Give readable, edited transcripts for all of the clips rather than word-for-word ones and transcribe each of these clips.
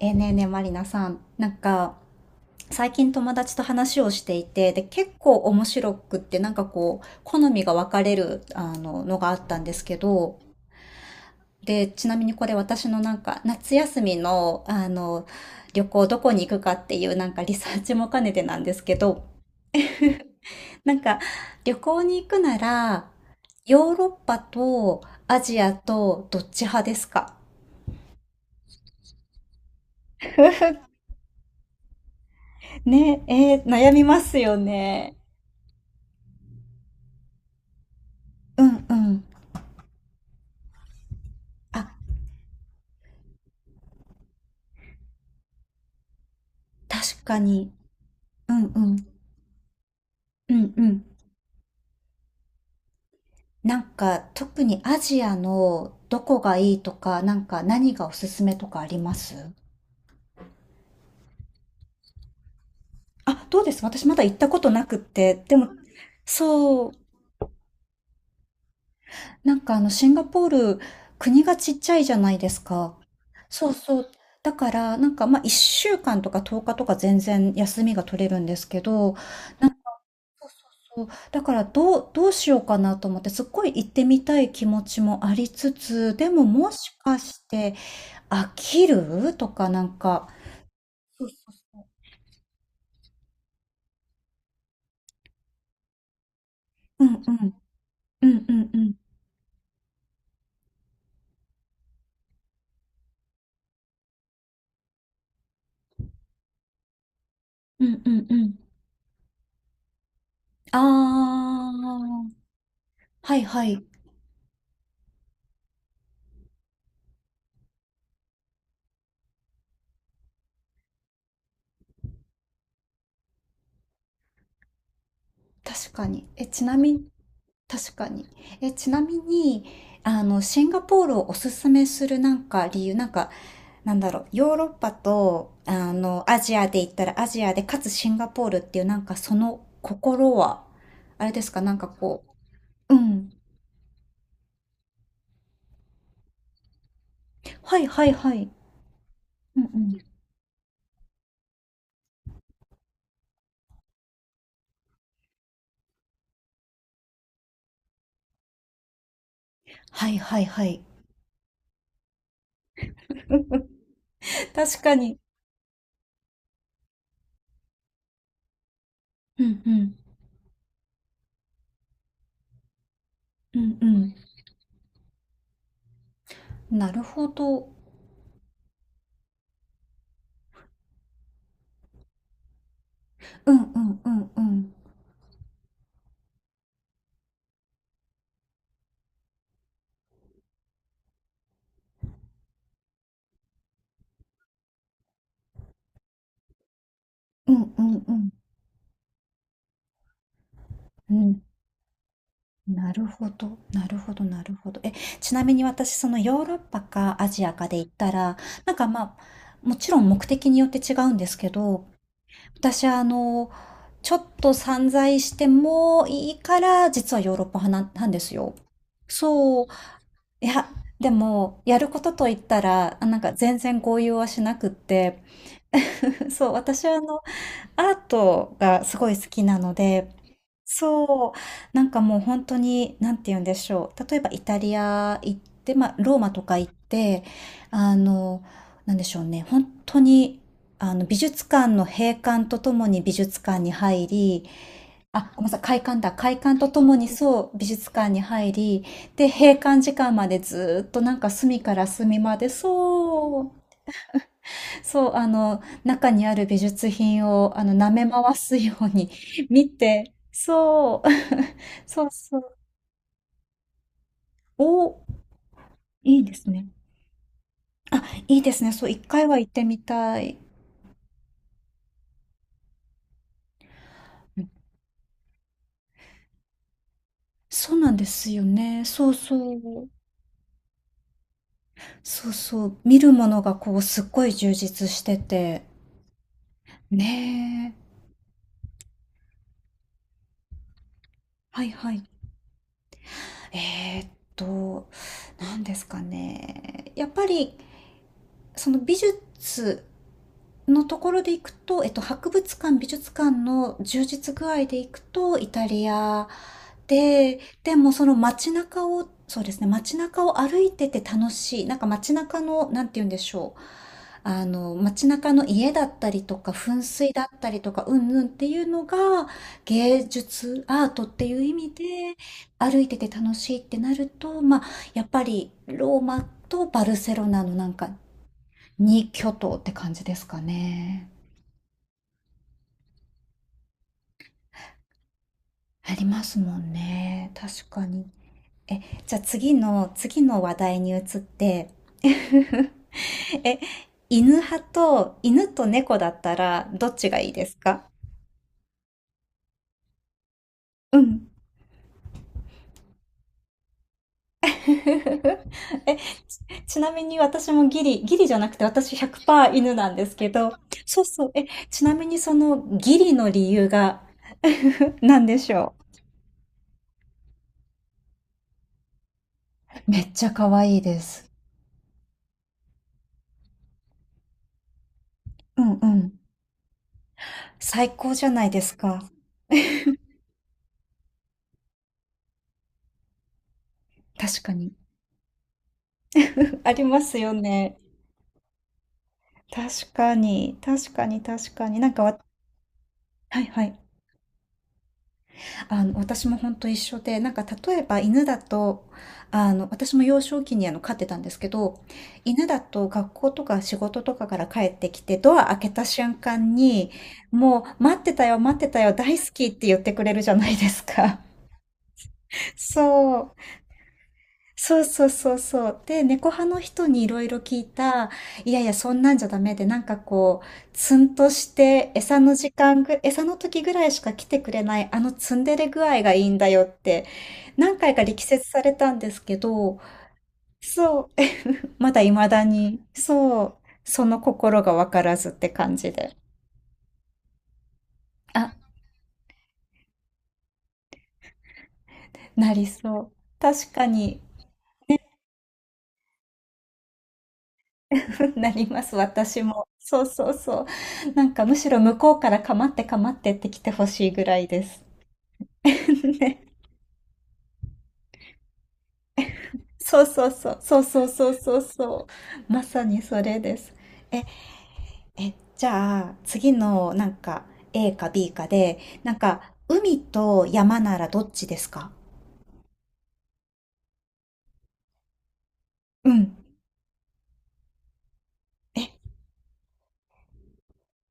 ねえねえ、まりなさん、なんか最近友達と話をしていて、で結構面白くって、なんかこう好みが分かれるのがあったんですけど、でちなみに、これ私のなんか夏休みの旅行どこに行くかっていうなんかリサーチも兼ねてなんですけど、なんか旅行に行くなら、ヨーロッパとアジアとどっち派ですか？ねえ、悩みますよね。うんうん。あ、確かに。うんうん。うんうん。なんか、特にアジアのどこがいいとか、なんか何がおすすめとかあります？あ、どうです？私まだ行ったことなくって。でも、そう、なんかシンガポール、国がちっちゃいじゃないですか。そうそう。だから、なんか、まあ、1週間とか10日とか全然休みが取れるんですけど、そう、だから、どうしようかなと思って、すっごい行ってみたい気持ちもありつつ、でももしかして、飽きるとかなんか、ううんうん、うんうんうん、うんうんうん。あー、はいはい、確かに。え、ちなみに、確かに。え、ちなみに、シンガポールをおすすめするなんか理由、なんか、なんだろう、ヨーロッパと、アジアで言ったらアジアで、かつシンガポールっていうなんかその心は、あれですか、なんかこう、うん。はいはいはい。うんうん。はいはいはい 確かに。うんうん。うんうん。なるほど。うんうんうんうん。うんうんうん。うん。なるほど。なるほどなるほど。え、ちなみに私、そのヨーロッパかアジアかで言ったら、なんかまあ、もちろん目的によって違うんですけど、私ちょっと散財してもいいから、実はヨーロッパ派なんですよ。そう。いや、でも、やることといったら、あなんか全然合意はしなくって、そう、私はアートがすごい好きなので、そう、なんかもう本当に、なんて言うんでしょう。例えばイタリア行って、まあ、ローマとか行って、あの、なんでしょうね。本当に、美術館の閉館とともに美術館に入り、あ、ごめんなさい、開館だ。開館とともにそう、美術館に入り、で、閉館時間までずーっとなんか隅から隅まで、そう、そう、中にある美術品を、舐め回すように 見て、そう、そうそう。お、いいですね。あ、いいですね。そう、一回は行ってみたい。うん、そうなんですよね。そうそう。そうそう。見るものがこう、すっごい充実してて。ねえ。はいはい。えーっと、何ですかね。やっぱり、その美術、のところでいくと、博物館、美術館の充実具合でいくと、イタリアで、でもその街中を、そうですね、街中を歩いてて楽しい。なんか街中の、なんて言うんでしょう。街中の家だったりとか、噴水だったりとか、うんうんっていうのが、芸術、アートっていう意味で、歩いてて楽しいってなると、まあ、やっぱりローマとバルセロナのなんか、二巨頭って感じですかね。ありますもんね。確かに。え、じゃあ次の話題に移って、え、犬と猫だったらどっちがいいですか？うん。え、ちなみに私もギリじゃなくて私100%犬なんですけど、そうそう、え、ちなみにそのギリの理由が 何でしょう？めっちゃ可愛いです。うんうん。最高じゃないですか。確かに。ありますよね。確かに、確かに、確かに。なんかわ、はいはい。私も本当一緒で、なんか例えば犬だと、私も幼少期に飼ってたんですけど、犬だと学校とか仕事とかから帰ってきて、ドア開けた瞬間に、もう待ってたよ、待ってたよ、大好きって言ってくれるじゃないですか。そう。そうそうそうそう。で、猫派の人にいろいろ聞いた、いやいや、そんなんじゃダメで、なんかこう、ツンとして、餌の時ぐらいしか来てくれない、あのツンデレ具合がいいんだよって、何回か力説されたんですけど、そう、まだ未だに、そう、その心がわからずって感じで。あ、なりそう。確かに、なります、私も。そうそうそう。なんかむしろ向こうからかまってかまってって来てほしいぐらいです。ね。そうそうそう。そうそうそうそうそう。まさにそれです。え、え、じゃあ次のなんか A か B かで、なんか海と山ならどっちですか？うん。え、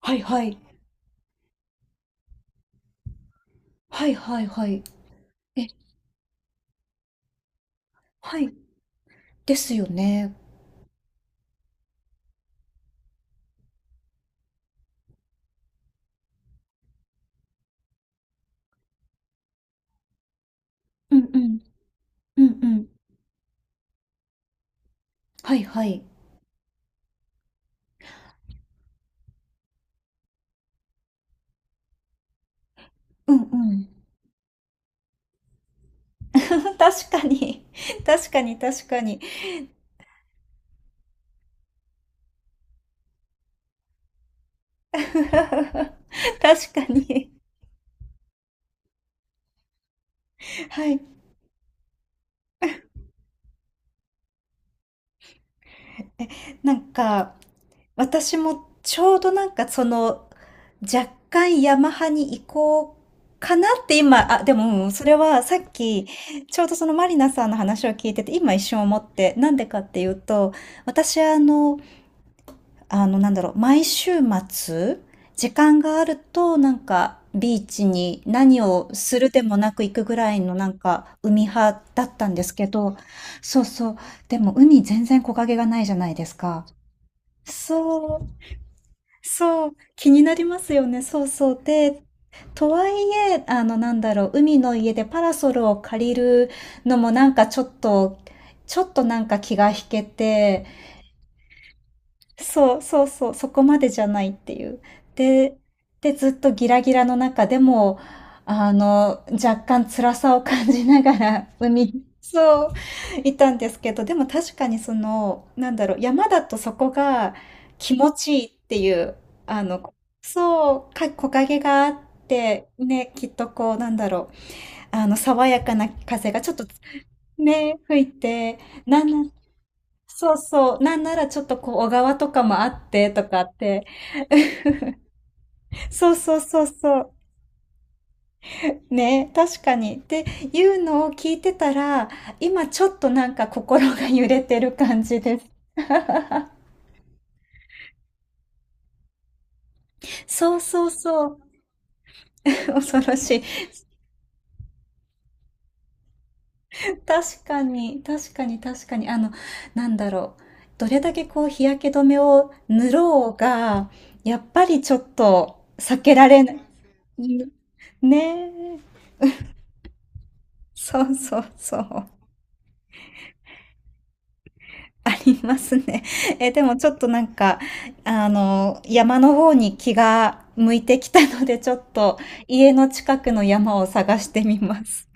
はいはい。はいはいはい。え、はい。ですよね。うんうん。うんうん。はいはい。うんうん。確かに。確かに、確かに。確かに。はい。なんか、私もちょうどなんかその、若干ヤマハに移行かなって今、あ、でも、うん、それはさっき、ちょうどそのマリナさんの話を聞いてて、今一瞬思って、なんでかっていうと、私なんだろう、毎週末、時間があると、なんか、ビーチに何をするでもなく行くぐらいの、なんか、海派だったんですけど、そうそう、でも海全然木陰がないじゃないですか。そう、そう、気になりますよね、そうそう。で、とはいえ、なんだろう、海の家でパラソルを借りるのもなんかちょっと、ちょっとなんか気が引けて、そうそうそう、そこまでじゃないっていう。で、ずっとギラギラの中でも、若干辛さを感じながら 海に、そう、いたんですけど、でも確かにその、なんだろう、山だとそこが気持ちいいっていう、あの、そう、木陰があって、ね、きっとこう、なんだろう、爽やかな風がちょっとね、吹いて、なんなそうそう。なんならちょっとこう、小川とかもあってとかって。そうそうそうそう。ね、確かに。っていうのを聞いてたら、今ちょっとなんか心が揺れてる感じです。そうそうそう。恐ろしい。確かに、確かに、確かに。なんだろう。どれだけこう、日焼け止めを塗ろうが、やっぱりちょっと避けられない。うん、ねえ。そうそうそう。ありますね。え、でもちょっとなんか、山の方に気が向いてきたので、ちょっと家の近くの山を探してみます。